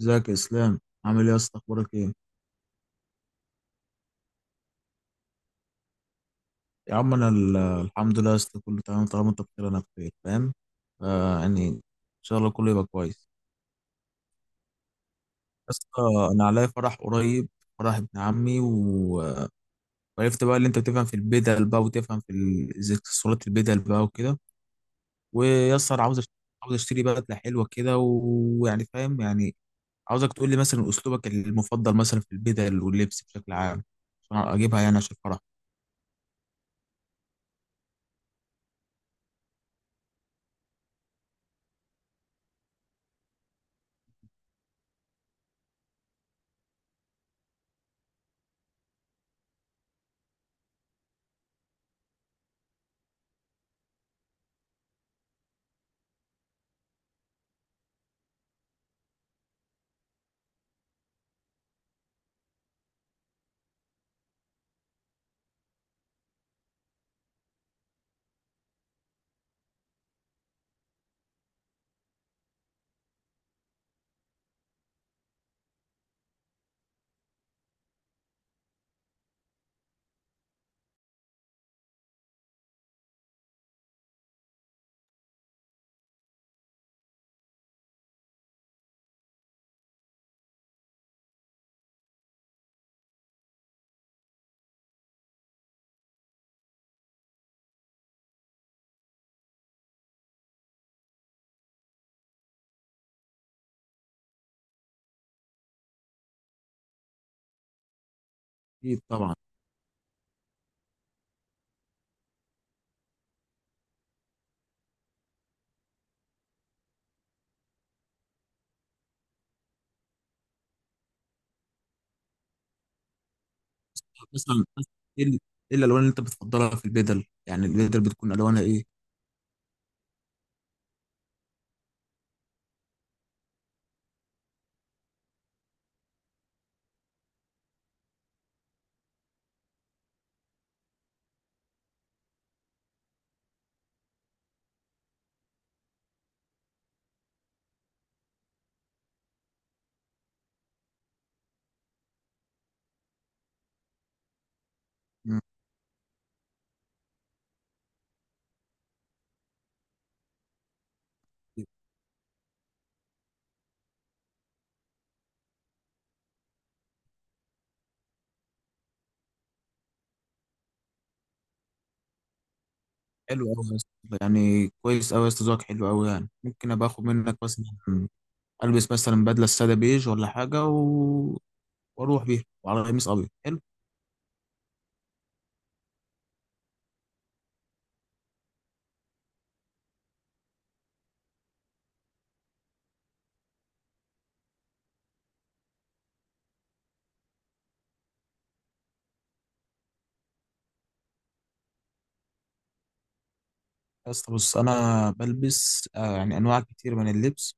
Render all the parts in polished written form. ازيك يا اسلام؟ عامل ايه يا اسطى، اخبارك ايه؟ يا عم انا الحمد لله يا اسطى، كله تمام. طالما انت بخير انا بخير، فاهم. يعني ان شاء الله كله يبقى كويس. يا اسطى انا عليا فرح قريب، فرح ابن عمي وعرفت بقى اللي انت بتفهم في البدل بقى وتفهم في زي اكسسوارات البدل بقى وكده. ويا اسطى أنا عاوز اشتري بدله حلوه كده ويعني فاهم يعني. عاوزك تقول لي مثلا اسلوبك المفضل مثلا في البدل واللبس بشكل عام، عشان اجيبها يعني، عشان الفرح. اكيد طبعا. مثلا ايه ال- إيه الالوان اللي انت بتفضلها في البدل؟ يعني البدل بتكون الوانها ايه؟ مم. حلو قوي يا اسطى، يعني كويس قوي يا اسطى، ذوقك حلو قوي. يعني ممكن ابقى اخد منك مثلا، البس مثلا بدله ساده بيج ولا حاجه واروح بيها وعلى قميص ابيض حلو. يا اسطى بص، انا بلبس يعني انواع كتير من اللبس.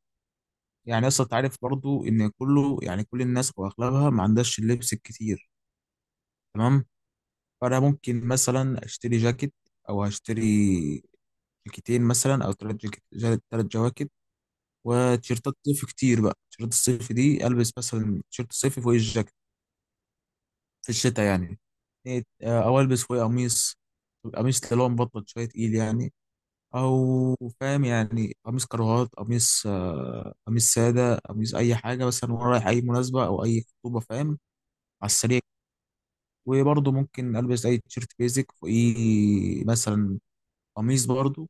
يعني يا اسطى أنت عارف برضو ان كله، يعني كل الناس واغلبها ما عندهاش اللبس الكتير، تمام. فانا ممكن مثلا اشتري جاكيت او هشتري جاكيتين مثلا او ثلاث جواكت، وتيشيرتات صيف كتير بقى. تيشيرتات الصيف دي البس مثلا تيشيرت الصيفي فوق الجاكيت في الشتاء يعني. إيه، آه، او البس فوق قميص اللي هو مبطن شويه، تقيل يعني. او فاهم يعني، قميص كراهات، قميص قميص ساده، قميص اي حاجه مثلا وانا رايح اي مناسبه او اي خطوبه، فاهم، على السريع. وبرضه ممكن البس اي تيشيرت بيزك فوقيه مثلا قميص برضه،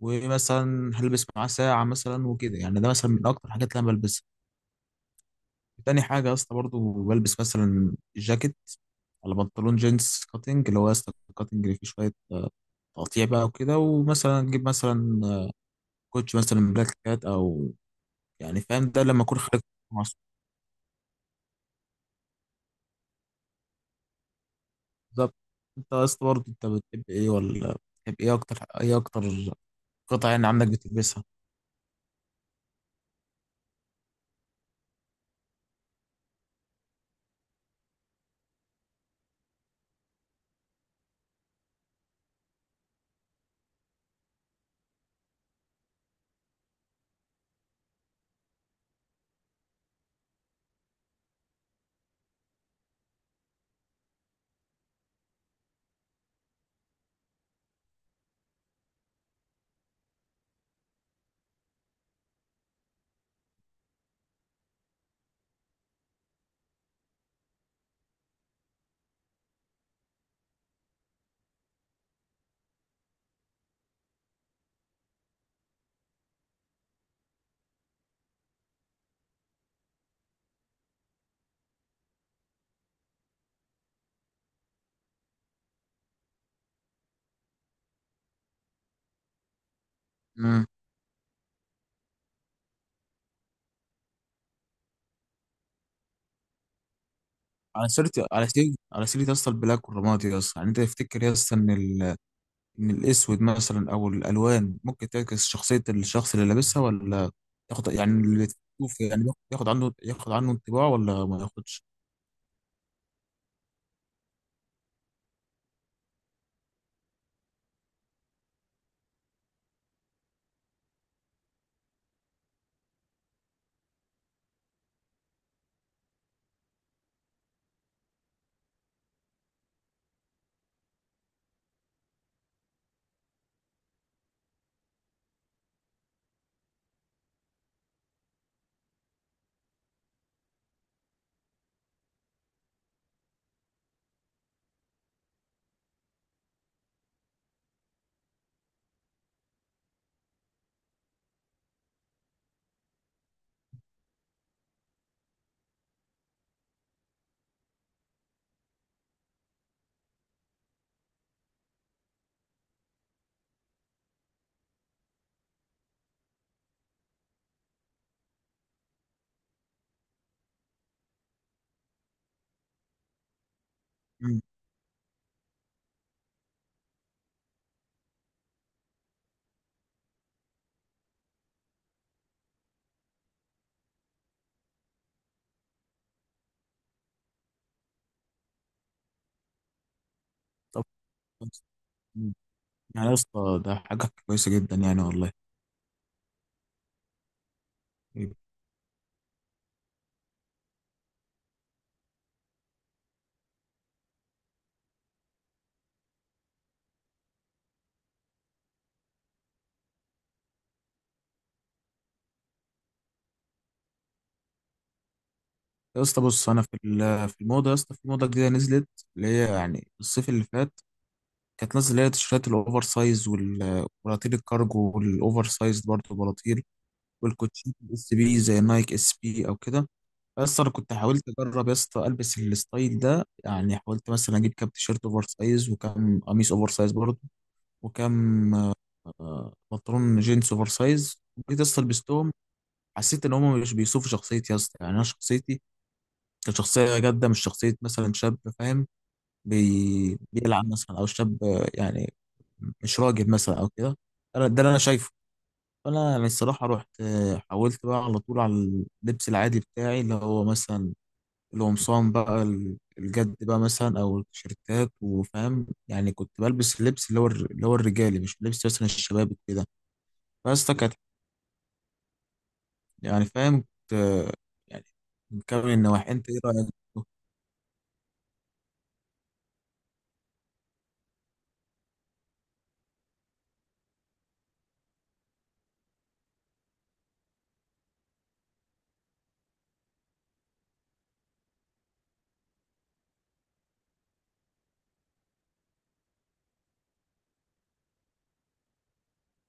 ومثلا هلبس معاه ساعة مثلا وكده يعني. ده مثلا من أكتر الحاجات اللي أنا بلبسها. تاني حاجة يا اسطى برضه بلبس مثلا جاكيت على بنطلون جينز كاتنج، اللي هو يا اسطى الكاتنج اللي فيه شوية تقطيع بقى وكده، ومثلا أجيب مثلا كوتش مثلا بلاك كات أو، يعني فاهم، ده لما أكون خارج مع أصحابي. بالظبط. أنت يا اسطى برضه أنت بتحب إيه؟ ولا بتحب إيه أكتر قطع يعني عندك بتلبسها؟ مم. على سيرة يا اسطى البلاك والرمادي، يا اسطى يعني أنت تفتكر يا اسطى إن ال ان الاسود مثلا او الالوان ممكن تعكس شخصيه الشخص اللي لابسها؟ ولا تاخد، يعني اللي تشوف يعني بياخد ياخد عنه ياخد عنه انطباع ولا ما ياخدش؟ مم. طب كويس. مم. يعني يا اسطى ده حاجه كويسه جدا يعني والله. طيب. يا اسطى بص، انا في في الموضه، يا اسطى في موضه جديده نزلت، اللي هي يعني الصيف اللي فات كانت نازله، اللي هي التيشيرتات الاوفر سايز والبلاطيل الكارجو، والاوفر سايز برضه بلاطيل، والكوتشي الاس بي زي نايك اس بي او كده. بس انا كنت حاولت اجرب يا اسطى البس الستايل ده، يعني حاولت مثلا اجيب كام تيشيرت اوفر سايز وكام قميص اوفر سايز برضه، وكام بنطلون جينز اوفر سايز. جيت يا اسطى لبستهم، حسيت ان هم مش بيوصفوا شخصيتي يا اسطى. يعني انا شخصيتي كانت شخصيه جاده، مش شخصيه مثلا شاب فاهم بيلعب مثلا، او شاب يعني مش راجل مثلا او كده. انا ده اللي انا شايفه. فانا يعني الصراحه رحت حاولت بقى على طول على اللبس العادي بتاعي، اللي هو مثلا القمصان بقى الجد بقى مثلا، او التيشيرتات. وفاهم يعني كنت بلبس اللبس اللي هو اللي هو الرجالي، مش لبس مثلا الشباب كده. بس ده كانت، يعني فاهم، كنت يعني مكون النواحي. انت ايه رايك؟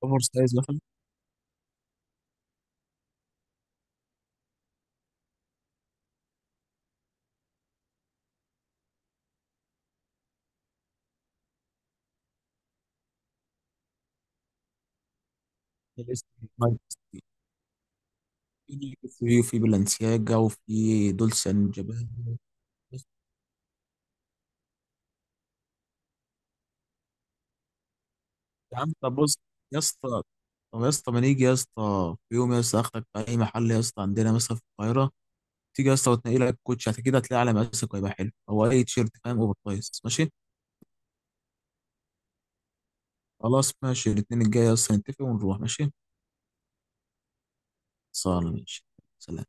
اوفر سايز مثلا. لبست في في وفي بلانسياجا وفي دولce اند جابانا. يا عم طب بص يا اسطى. طب يا اسطى ما نيجي يا اسطى في يوم، يا اسطى اخدك في اي محل يا اسطى عندنا مثلا في القاهره، تيجي يا اسطى وتنقي لك كوتش، كده هتلاقي على مقاسك وهيبقى حلو، او اي تيشيرت فاهم اوفر سايز، ماشي؟ خلاص، ماشي الاثنين الجاي يا اسطى نتفق ونروح، ماشي؟ صار، ماشي. سلام.